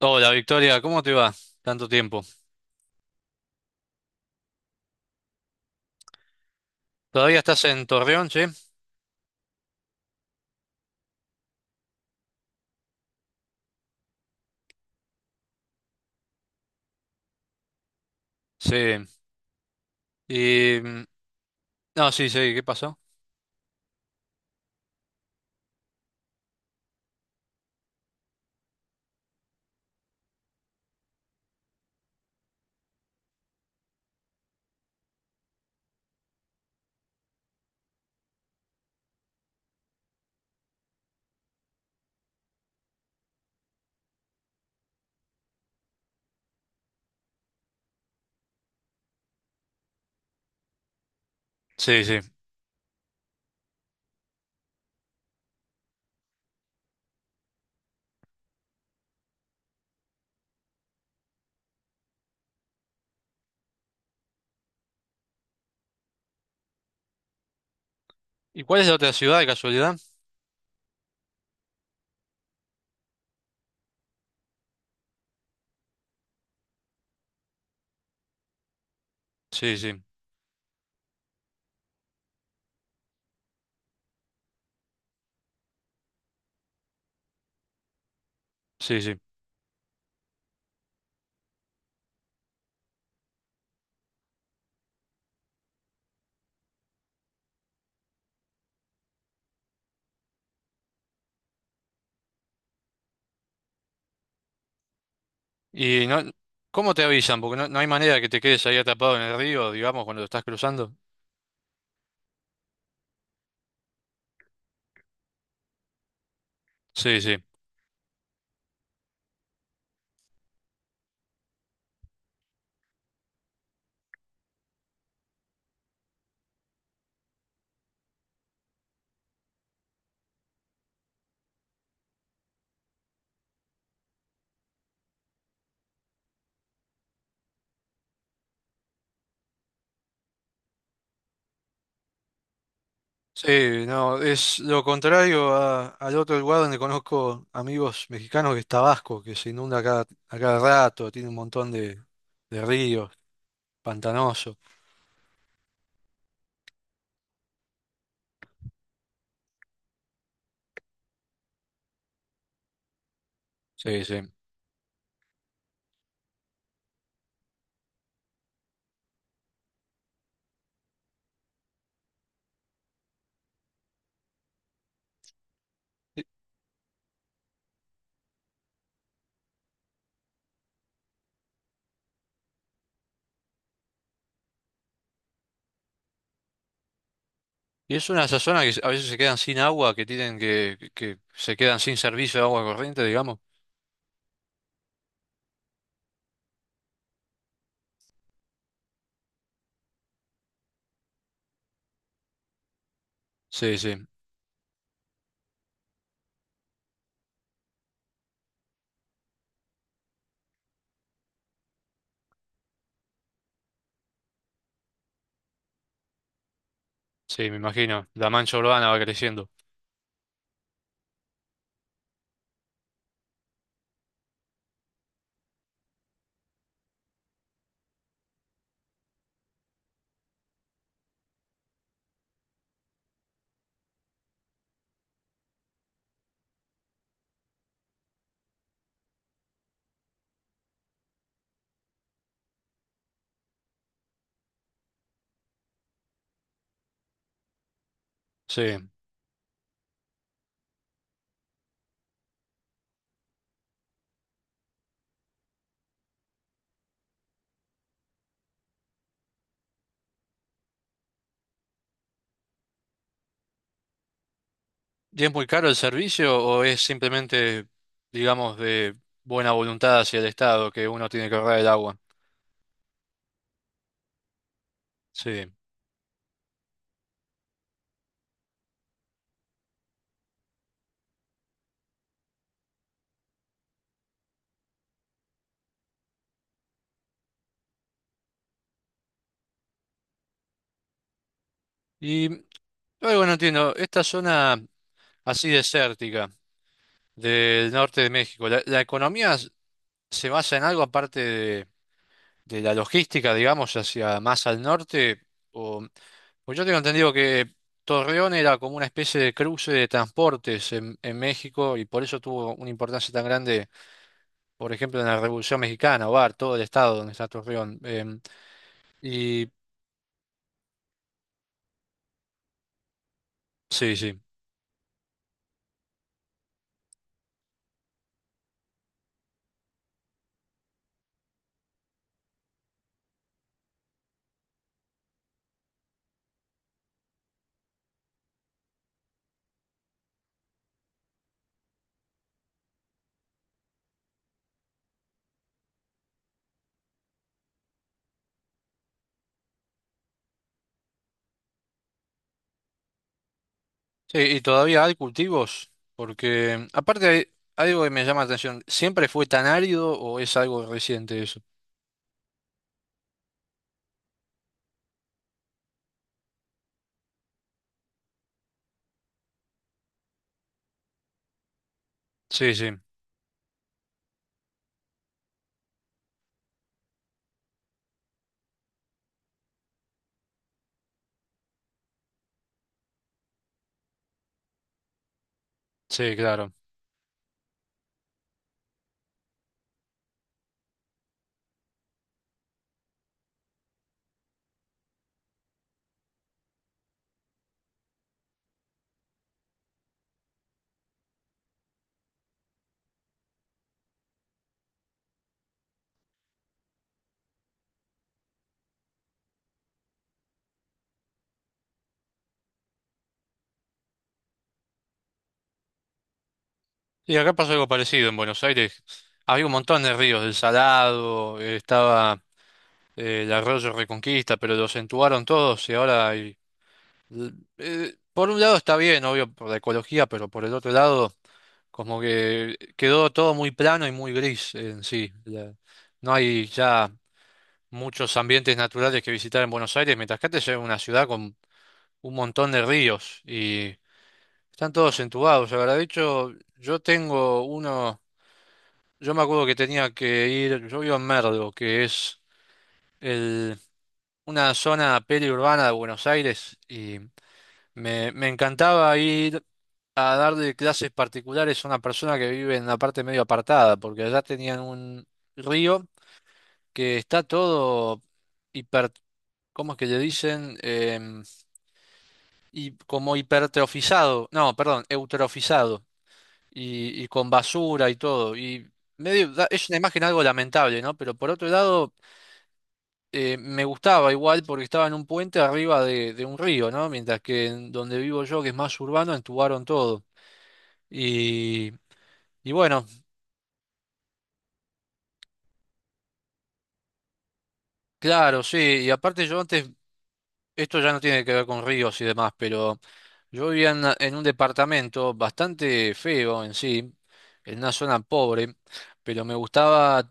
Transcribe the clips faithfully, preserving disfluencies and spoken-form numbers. Hola Victoria, ¿cómo te va? Tanto tiempo. ¿Todavía estás en Torreón, sí? Sí. Y... mm, No, sí, sí, ¿qué pasó? Sí, sí. ¿Y cuál es la otra ciudad de casualidad? Sí, sí, sí, sí. ¿Y no... ¿Cómo te avisan? Porque no, no hay manera que te quedes ahí atrapado en el río, digamos, cuando lo estás cruzando. Sí, sí. Sí, no, es lo contrario a- al otro lugar donde conozco amigos mexicanos que es Tabasco, que se inunda cada, a cada rato, tiene un montón de, de ríos, pantanoso. Sí, sí. Y es una de esas zonas que a veces se quedan sin agua, que tienen que, que que se quedan sin servicio de agua corriente, digamos. Sí, sí, sí, me imagino. La mancha urbana va creciendo. Sí. ¿Y es muy caro el servicio o es simplemente, digamos, de buena voluntad hacia el Estado que uno tiene que ahorrar el agua? Sí. Y algo no entiendo, esta zona así desértica del norte de México, ¿la, la economía s- se basa en algo aparte de, de la logística, digamos, hacia más al norte? Pues yo tengo entendido que Torreón era como una especie de cruce de transportes en, en México y por eso tuvo una importancia tan grande, por ejemplo, en la Revolución Mexicana, o todo el estado donde está Torreón. Em, y sí, sí. Sí, y todavía hay cultivos, porque em, aparte hay algo que me llama la atención. ¿Siempre fue tan árido o es algo reciente eso? Sí, sí, sí, claro. Y acá pasó algo parecido en Buenos Aires. Había un montón de ríos, el Salado, eh, estaba... eh, el Arroyo Reconquista, pero lo acentuaron todos, y ahora, hay- l- eh, por un lado está bien, obvio, por la ecología, pero por el otro lado, como que quedó todo muy plano y muy gris en sí. La- no hay ya muchos ambientes naturales que visitar en Buenos Aires, mientras que antes era una ciudad con un montón de ríos y están todos entubados. La verdad, de hecho, yo tengo uno. Yo me acuerdo que tenía que ir. Yo vivo en Merlo, que es una zona periurbana de Buenos Aires, y me, me encantaba ir a darle clases particulares a una persona que vive en la parte medio apartada, porque allá tenían un río que está todo hiper, ¿cómo es que le dicen? Em, y como hipertrofizado, no, perdón, eutrofizado, y, y con basura y todo. Y medio, da- es una imagen algo lamentable, ¿no? Pero por otro lado, eh, me gustaba igual porque estaba en un puente arriba de, de un río, ¿no? Mientras que en donde vivo yo, que es más urbano, entubaron todo. Y, y bueno, claro, sí. Y aparte yo antes, esto ya no tiene que ver con ríos y demás, pero yo vivía en, una- en un departamento bastante feo en sí, en una zona pobre, pero me gustaba.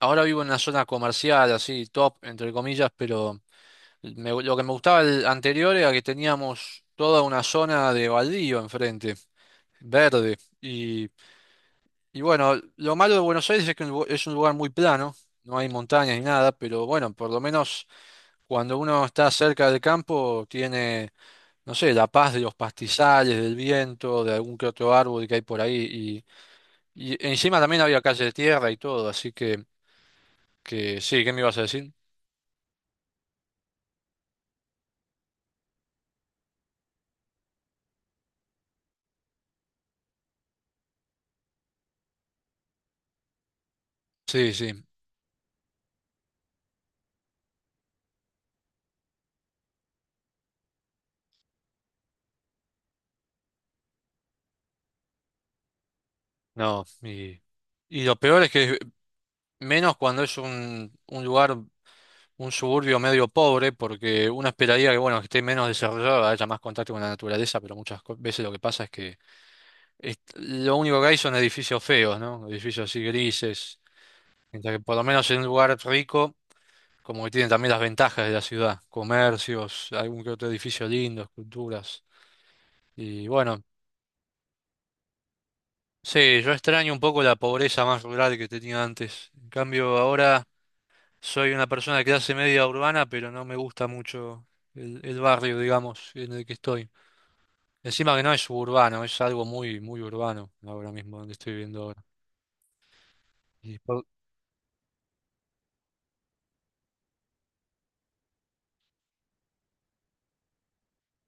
Ahora vivo en una zona comercial, así, top, entre comillas, pero Me- lo que me gustaba el anterior era que teníamos toda una zona de baldío enfrente, verde. Y, y bueno, lo malo de Buenos Aires es que un lu- es un lugar muy plano, no hay montañas ni nada, pero bueno, por lo menos cuando uno está cerca del campo tiene, no sé, la paz de los pastizales, del viento, de algún que otro árbol que hay por ahí. Y, y encima también había calle de tierra y todo, así que, que sí, ¿qué me ibas a decir? Sí, sí, no. Y, y lo peor es que menos cuando es un, un lugar, un suburbio medio pobre, porque uno esperaría que, bueno, que esté menos desarrollado, haya más contacto con la naturaleza, pero muchas co- veces lo que pasa es que es- lo único que hay son edificios feos, ¿no? Edificios así grises. Mientras que por lo menos en un lugar rico, como que tienen también las ventajas de la ciudad, comercios, algún que otro edificio lindo, esculturas. Y bueno, sí, yo extraño un poco la pobreza más rural que tenía antes. En cambio, ahora, soy una persona de clase media urbana, pero no me gusta mucho el, el barrio, digamos, en el que estoy. Encima que no es suburbano, es algo muy, muy urbano ahora mismo donde estoy viviendo ahora. Y por-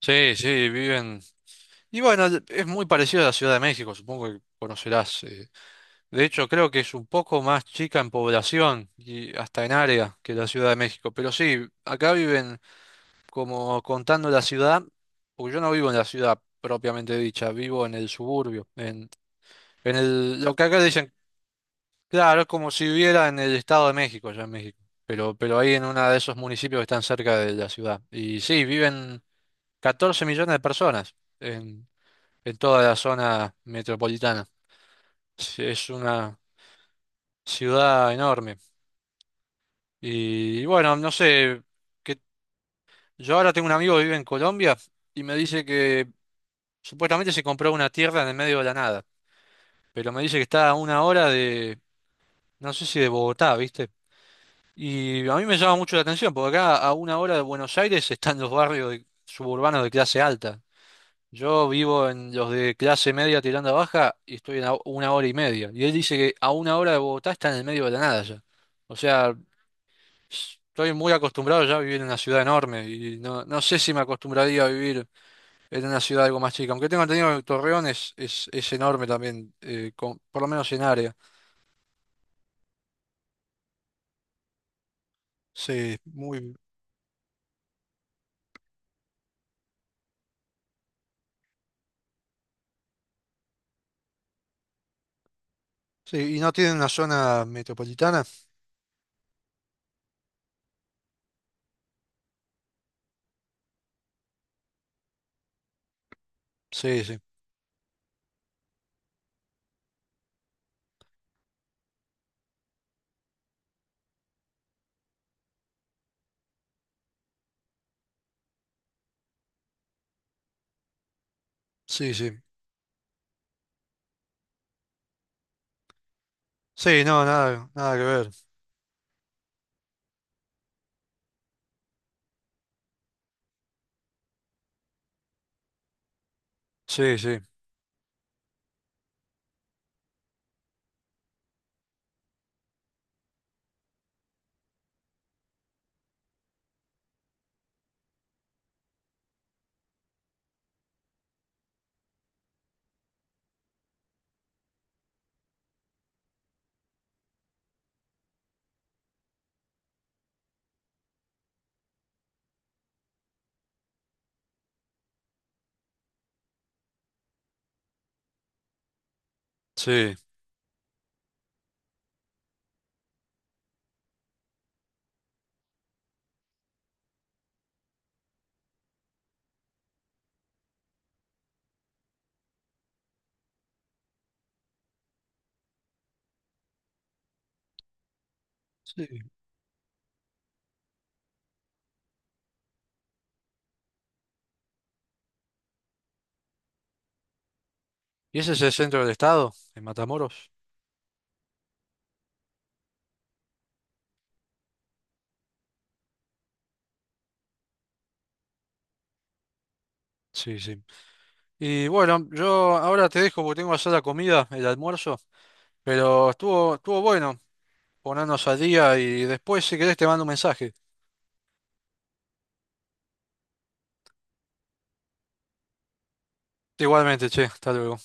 Sí, sí, viven. Y bueno, es muy parecido a la Ciudad de México, supongo que conocerás. eh. De hecho, creo que es un poco más chica en población y hasta en área que la Ciudad de México. Pero sí, acá viven, como contando la ciudad, porque yo no vivo en la ciudad propiamente dicha, vivo en el suburbio, En el, lo que acá dicen, claro, es como si viviera en el Estado de México, allá en México, pero, pero ahí en uno de esos municipios que están cerca de la ciudad. Y sí, viven catorce millones de personas en, en toda la zona metropolitana. Sí, es una ciudad enorme. Y bueno, no sé, que yo ahora tengo un amigo que vive en Colombia y me dice que supuestamente se compró una tierra en el medio de la nada, pero me dice que está a una hora de, no sé si de Bogotá, ¿viste? Y a mí me llama mucho la atención, porque acá a una hora de Buenos Aires están los barrios de- suburbanos de clase alta. Yo vivo en los de clase media tirando a baja y estoy a una hora y media. Y él dice que a una hora de Bogotá está en el medio de la nada ya. O sea, estoy muy acostumbrado ya a vivir en una ciudad enorme y no, no sé si me acostumbraría a vivir en una ciudad algo más chica. Aunque tengo entendido que Torreón es, es, es enorme también, eh, con- por lo menos en área. Sí, muy. Sí, y no tiene una zona metropolitana. Sí, sí. Sí, sí. Sí, no, nada, nada que ver. Sí, sí, sí, sí. ¿Y ese es el centro del estado, en Matamoros? Sí, sí. Y bueno, yo ahora te dejo porque tengo que hacer la comida, el almuerzo, pero estuvo, estuvo bueno ponernos al día y después si querés te mando un mensaje. Igualmente, che, hasta luego.